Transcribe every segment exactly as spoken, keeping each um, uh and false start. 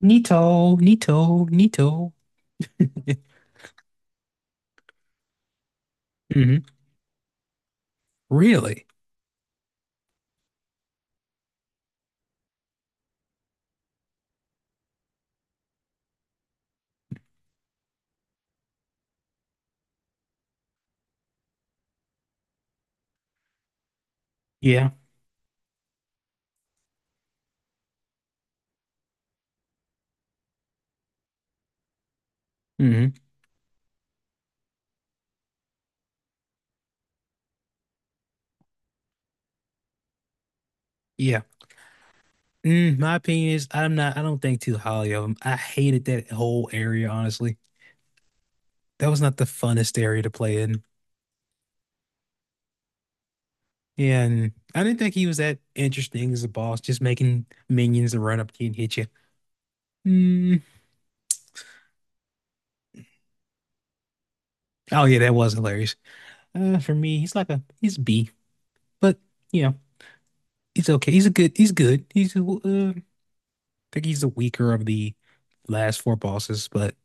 Neato, neato, neato. hmm Really? Yeah. hmm Yeah. Mm, my opinion is I'm not, I don't think too highly of him. I hated that whole area, honestly. That was not the funnest area to play in. Yeah, and I didn't think he was that interesting as a boss, just making minions and run up to you and hit you. Mm. Oh yeah, that was hilarious. Uh, for me, he's like a he's B, but you know, he's okay. He's a good. He's good. He's a, uh, I think he's the weaker of the last four bosses, but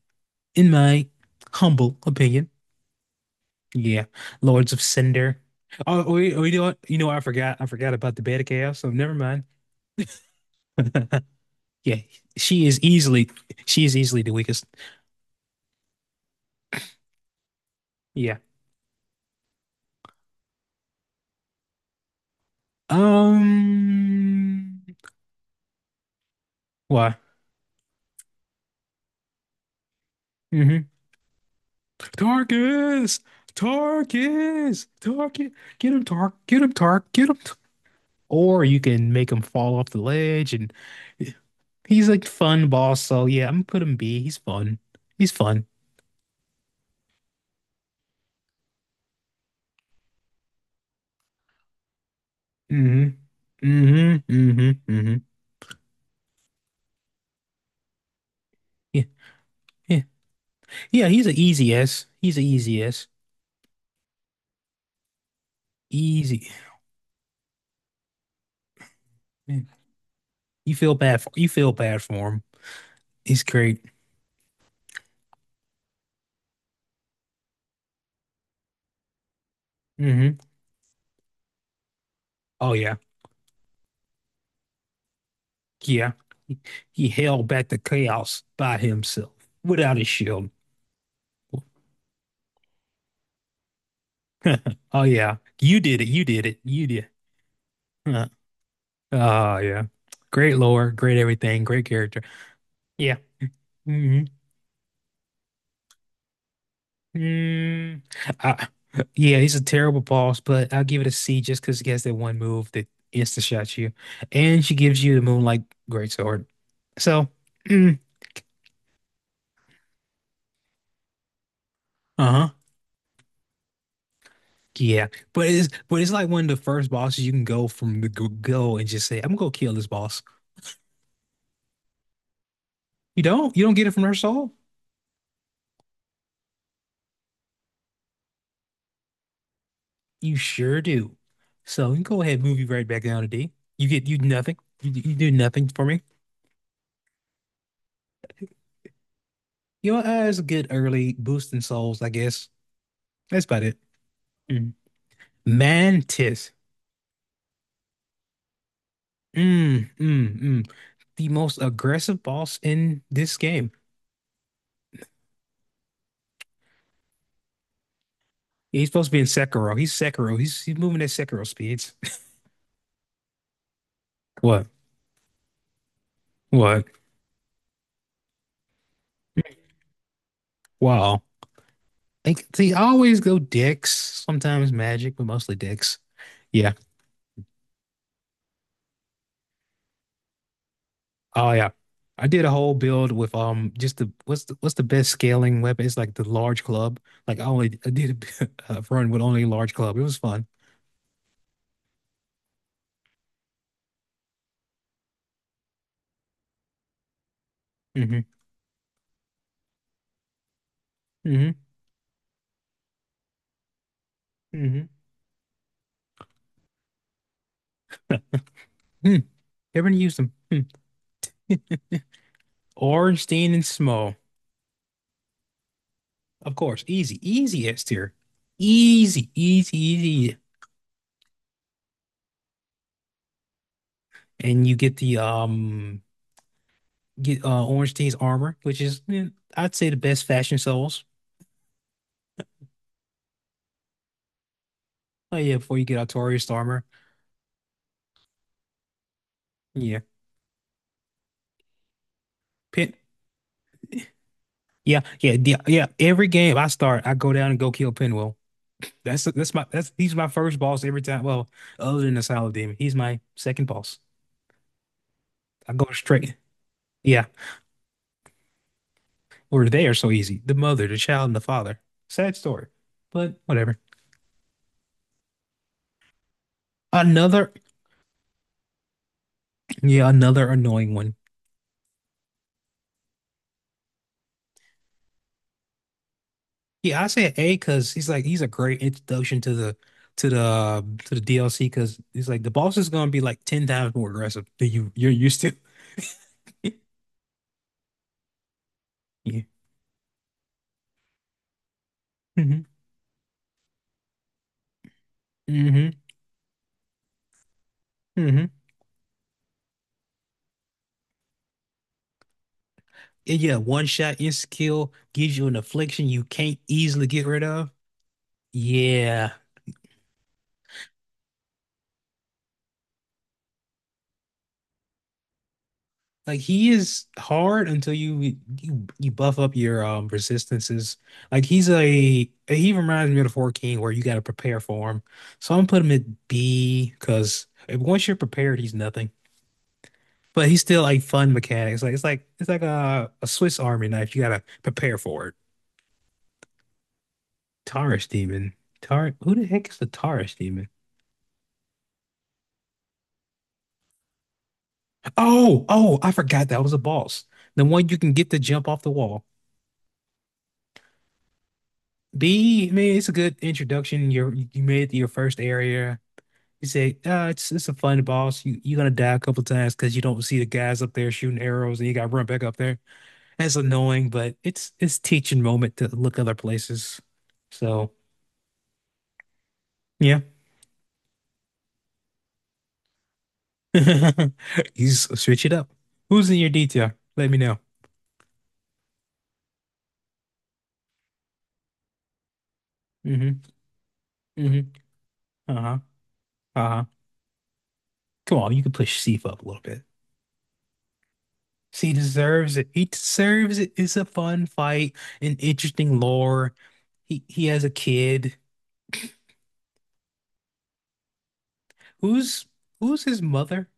in my humble opinion, yeah, Lords of Cinder. Oh, oh, you oh, you know what? You know what? I forgot. I forgot about the Bed of Chaos. So never mind. Yeah, she is easily she is easily the weakest. Yeah. Um. Why? Mm-hmm. Tarkus, Tarkus, Tarkus. Get him, Tark. Get him, Tark. Get him. T- Or you can make him fall off the ledge, and he's like fun boss. So yeah, I'm gonna put him B. He's fun. He's fun. Hmm hmm hmm hmm Yeah. Yeah. Yeah, he's an easy S. He's an easy S. Easy. Yeah. You feel bad for you feel bad for him. He's great. Hmm Oh yeah. Yeah. He held back the chaos by himself without his shield. Oh yeah. You did it. You did it. You did. Huh. Oh yeah. Great lore, great everything, great character. Yeah. Hmm. Mm, I, yeah, he's a terrible boss, but I'll give it a C just because he has that one move that insta shots you, and she gives you the Moonlight Greatsword. So, mm, uh-huh, yeah, but it's but it's like one of the first bosses you can go from the g- go and just say, "I'm gonna go kill this boss." You don't, you don't get it from her soul. You sure do. So you can go ahead, move you right back down to D. You get you nothing. You, you do nothing for me. You know, uh, it's a good early boost in souls, I guess. That's about it. Mantis. Mm, mm, mm. The most aggressive boss in this game. Yeah, he's supposed to be in Sekiro. He's Sekiro. He's he's moving at Sekiro speeds. What? What? Wow. Like see, I always go dicks, sometimes magic, but mostly dicks. Yeah. Oh yeah. I did a whole build with um just the what's the what's the best scaling weapon? It's like the large club. Like I only I did a a run with only large club. It was fun. Mm-hmm. Mm-hmm. Mm-hmm. Hmm. Everyone used them. Hmm. Orange, Stein, and Smo. Of course, easy, easy S tier, easy, easy, easy, and you get the um get uh Orange Team's armor, which is eh, I'd say the best fashion souls. Oh yeah, before you get Artorias armor, yeah, Pin, yeah, yeah, the, yeah. Every game I start, I go down and go kill Pinwheel. That's that's my that's He's my first boss every time. Well, other than the Silent Demon, he's my second boss. I go straight. Yeah, or they are so easy. The mother, the child, and the father. Sad story, but whatever. Another. Yeah, another annoying one. Yeah, I said A because he's like he's a great introduction to the to the uh, to the D L C because he's like the boss is gonna be like ten times more aggressive than you you're used to. Yeah. hmm hmm hmm Yeah, yeah, one shot insta kill gives you an affliction you can't easily get rid of. Yeah. Like he is hard until you you you buff up your um resistances. Like he's a he reminds me of the Four King where you got to prepare for him. So I'm gonna put him at B because once you're prepared, he's nothing. But he's still like fun mechanics. Like it's like it's like a, a Swiss Army knife. You gotta prepare for it. Taurus Demon. Tar, who the heck is the Taurus Demon? Oh, oh, I forgot that was a boss. The one you can get to jump off the wall. B, I mean, it's a good introduction. You're, you made it to your first area. You say, uh, it's it's a fun boss. You you're gonna die a couple times because you don't see the guys up there shooting arrows, and you got to run back up there. That's annoying, but it's it's teaching moment to look other places. So yeah, you s- switch it up. Who's in your detail? Let me know. Mm-hmm. Mm-hmm. Uh-huh. Uh-huh. Come on, you can push Sif up a little. He deserves it. He deserves it. It's a fun fight, an interesting lore. He he has a kid. Who's Who's his mother?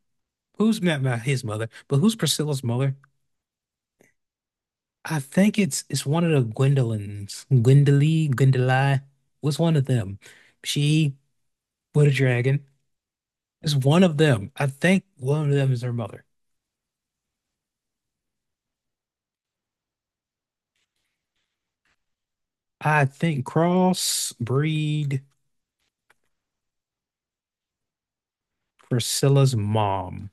Who's not, Not his mother, but who's Priscilla's mother? I think it's it's one of the Gwendolyns. Gwendoly, Gwendolyn. Was one of them. She with a dragon. It's one of them. I think one of them is her mother. I think crossbreed Priscilla's mom.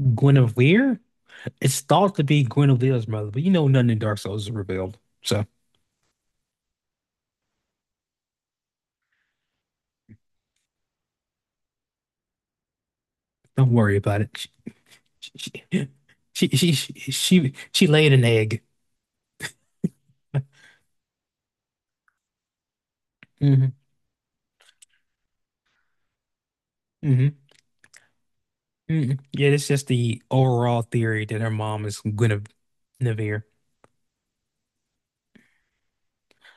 Guinevere? It's thought to be Guinevere's mother, but you know nothing in Dark Souls is revealed, so don't worry about it. She she she she she, she, she laid an egg. Hmm hmm hmm Yeah, it's just the overall theory that her mom is Guinevere.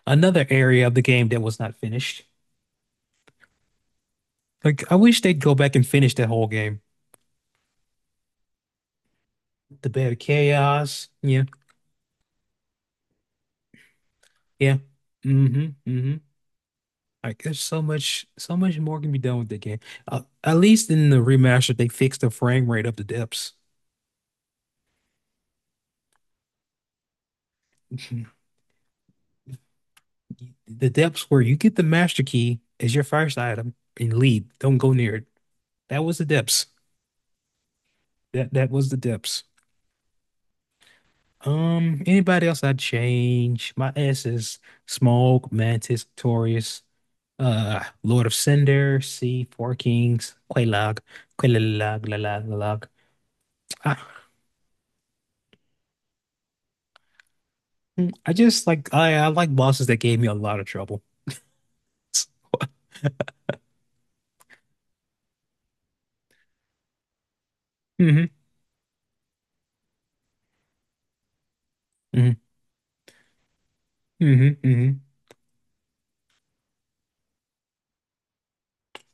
Another area of the game that was not finished. Like I wish they'd go back and finish that whole game. The Bed of Chaos. Yeah, yeah. hmm hmm Like there's so much, so much more can be done with the game. Uh, at least in the remaster, they fixed the frame rate of the depths. Mhm. The depths where you get the master key as your first item and leave. Don't go near it. That was the depths. That that was the depths. Um, anybody else I'd change? My S is Smaug, Mantis, Torius, uh, Lord of Cinder, C, Four Kings, Quelaag, Quelaag, Lalag, Lalag. I, I just like I, I like bosses that gave me a lot of trouble. Hmm hmm hmm hmm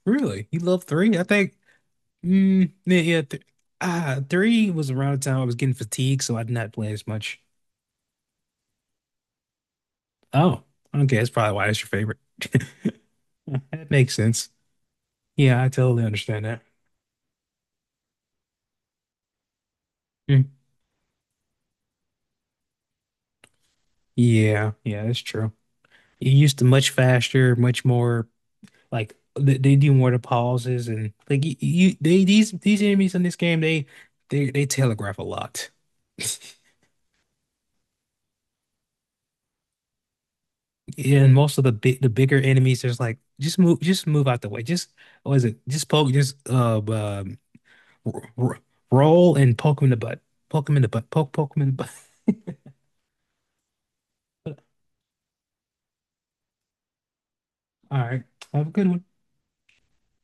Really? You love three? I think. Mm, yeah. Yeah th ah, three was around the time I was getting fatigued, so I did not play as much. Oh, okay. That's probably why it's your favorite. That makes sense. Yeah, I totally understand that. Mm. Yeah, yeah, that's true. You used to much faster, much more like they, they do more to pauses and like you, you they, these these enemies in this game they they they telegraph a lot. Yeah, and most of the big, the bigger enemies, there's like just move, just move out the way. Just what is it? Just poke, just uh, um, r r- roll and poke him in the butt. Poke him in the butt. Poke, poke him in the butt. All right, have a good one.